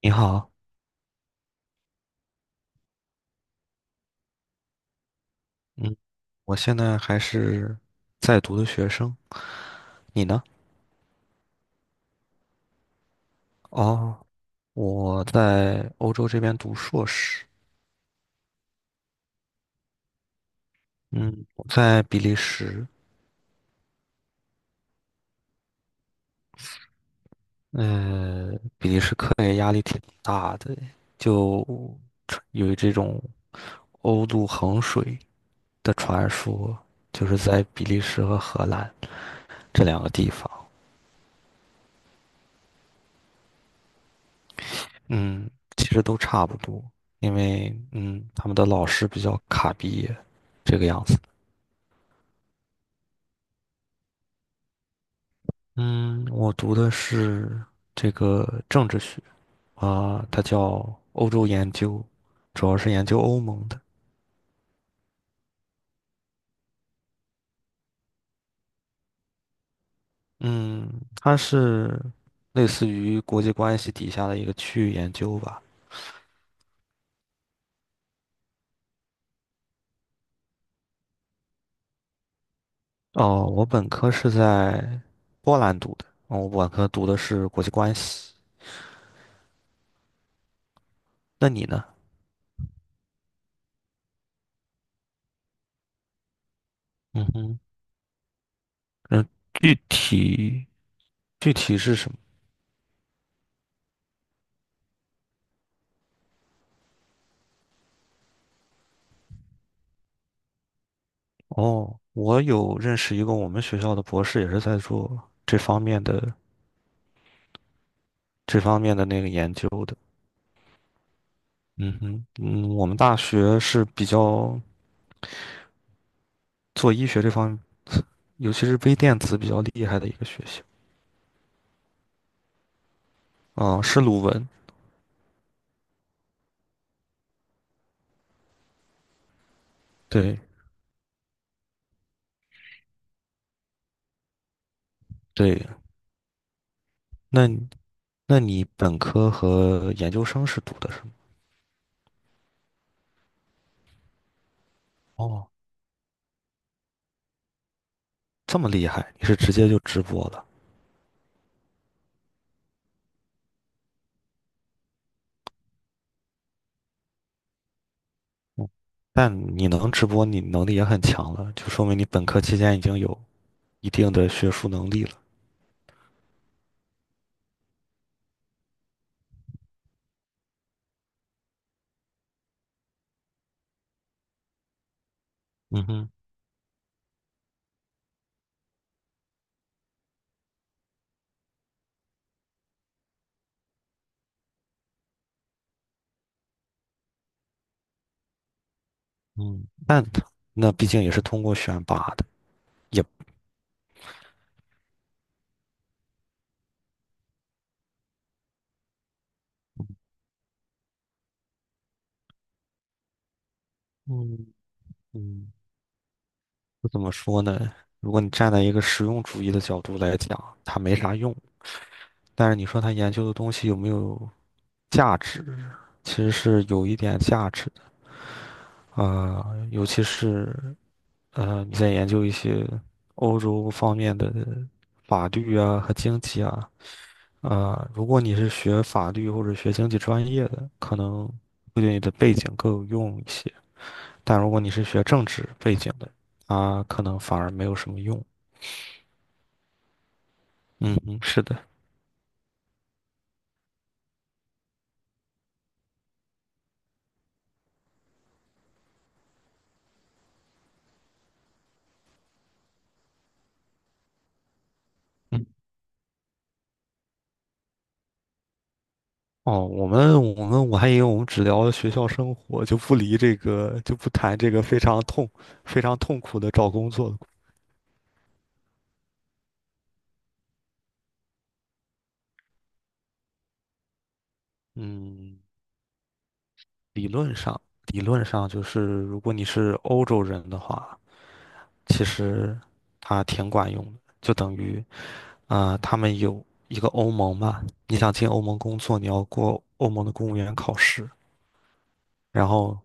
你好，嗯，我现在还是在读的学生，你呢？哦，我在欧洲这边读硕士。嗯，我在比利时。呃，比利时课业压力挺大的，就有这种欧陆衡水的传说，就是在比利时和荷兰这两个地方。嗯，其实都差不多，因为嗯，他们的老师比较卡毕业，这个样子。嗯，我读的是这个政治学啊，它叫欧洲研究，主要是研究欧盟的。嗯，它是类似于国际关系底下的一个区域研究吧。哦，我本科是在波兰读的。哦，我本科读的是国际关系。那你呢？嗯哼。嗯，具体具体是什么？哦，我有认识一个我们学校的博士，也是在做这方面的这方面的那个研究的。嗯哼。嗯，我们大学是比较做医学这方面，尤其是微电子比较厉害的一个学校啊。是鲁文。对对，那你那你本科和研究生是读的什么？哦，这么厉害，你是直接就直播了。嗯，但你能直播，你能力也很强了，就说明你本科期间已经有一定的学术能力了。嗯哼。嗯，但那毕竟也是通过选拔的，也。嗯嗯，怎么说呢？如果你站在一个实用主义的角度来讲，它没啥用。但是你说它研究的东西有没有价值，其实是有一点价值的啊。尤其是你在研究一些欧洲方面的法律啊和经济啊。啊，如果你是学法律或者学经济专业的，可能会对你的背景更有用一些。但如果你是学政治背景的，它可能反而没有什么用。嗯嗯，是的。嗯，哦，我们我还以为我们只聊学校生活，就不离这个，就不谈这个非常痛苦的找工作的故事。嗯，理论上，理论上就是，如果你是欧洲人的话，其实它挺管用的，就等于啊，他们有一个欧盟嘛。你想进欧盟工作，你要过欧盟的公务员考试。然后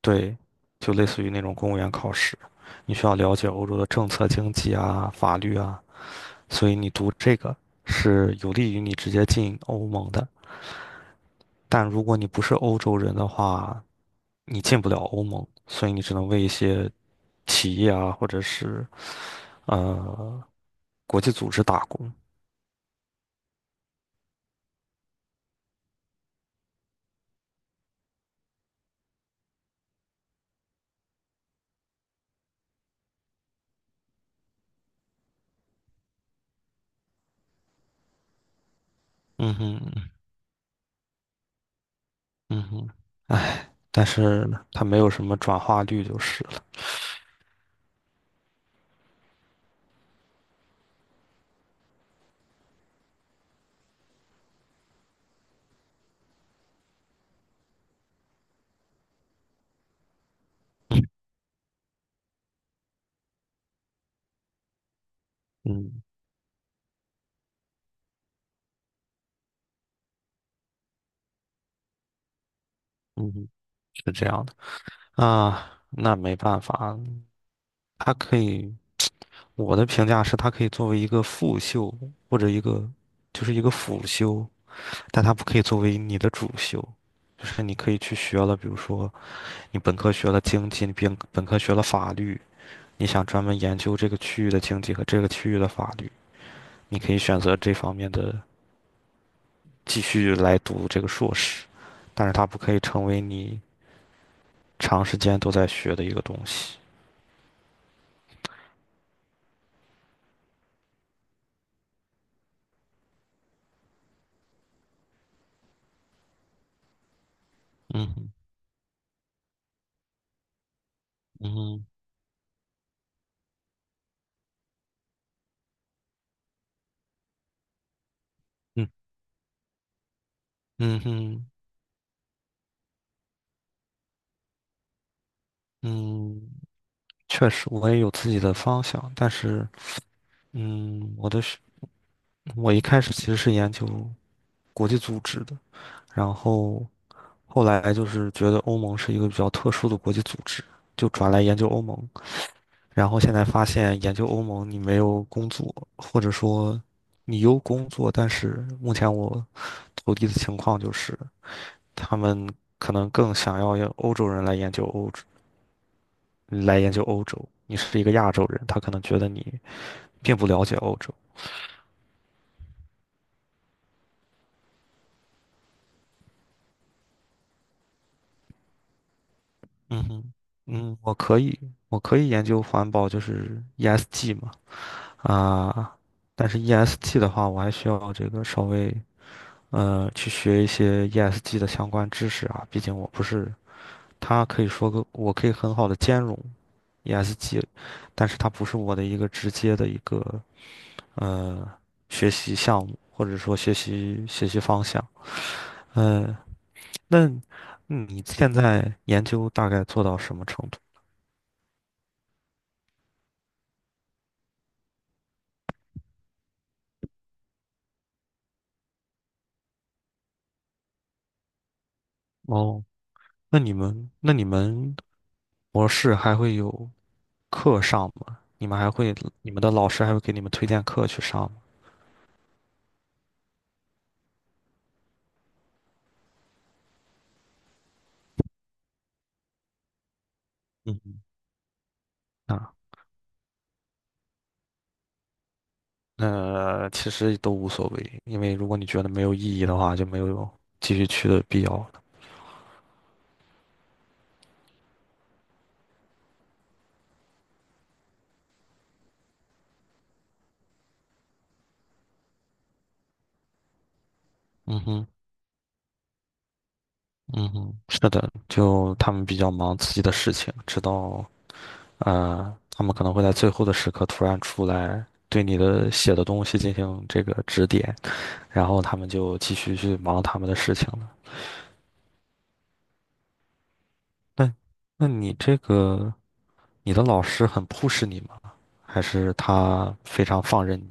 对，就类似于那种公务员考试，你需要了解欧洲的政策、经济啊、法律啊，所以你读这个是有利于你直接进欧盟的。但如果你不是欧洲人的话，你进不了欧盟，所以你只能为一些企业啊，或者是呃国际组织打工。嗯哼，嗯哼。哎，但是它没有什么转化率就是了。嗯，嗯哼，是这样的啊。那没办法。它可以。我的评价是，它可以作为一个副修或者一个就是一个辅修，但它不可以作为你的主修。就是你可以去学了，比如说你本科学了经济，你本科学了法律，你想专门研究这个区域的经济和这个区域的法律，你可以选择这方面的继续来读这个硕士，但是它不可以成为你长时间都在学的一个东西。嗯哼，嗯哼，嗯，嗯哼，嗯。确实，我也有自己的方向，但是，嗯，我的是，我一开始其实是研究国际组织的，然后后来就是觉得欧盟是一个比较特殊的国际组织，就转来研究欧盟，然后现在发现研究欧盟你没有工作，或者说你有工作，但是目前我投递的情况就是他们可能更想要欧洲人来研究欧洲，来研究欧洲，你是一个亚洲人，他可能觉得你并不了解欧洲。嗯哼。嗯，我可以研究环保，就是 ESG 嘛。啊，但是 ESG 的话，我还需要这个稍微去学一些 ESG 的相关知识啊，毕竟我不是，它可以说个，我可以很好的兼容 ESG，但是它不是我的一个直接的一个呃学习项目，或者说学习方向。嗯，那你现在研究大概做到什么程度？哦，那你们模式还会有课上吗？你们的老师还会给你们推荐课去上吗？嗯哼。啊，那其实都无所谓，因为如果你觉得没有意义的话，就没有继续去的必要了。嗯哼，嗯哼，是的，就他们比较忙自己的事情，直到他们可能会在最后的时刻突然出来对你的写的东西进行这个指点，然后他们就继续去忙他们的事情了。那那你这个你的老师很 push 你吗？还是他非常放任你？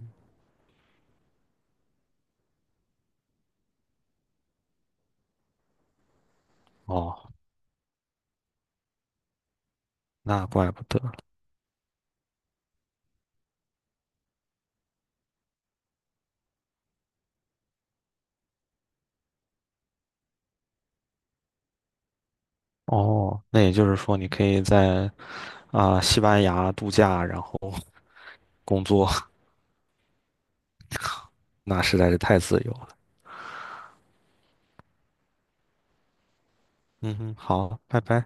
哦，那怪不得。哦，那也就是说你可以在西班牙度假，然后工作，那实在是太自由了。嗯哼，好，拜拜。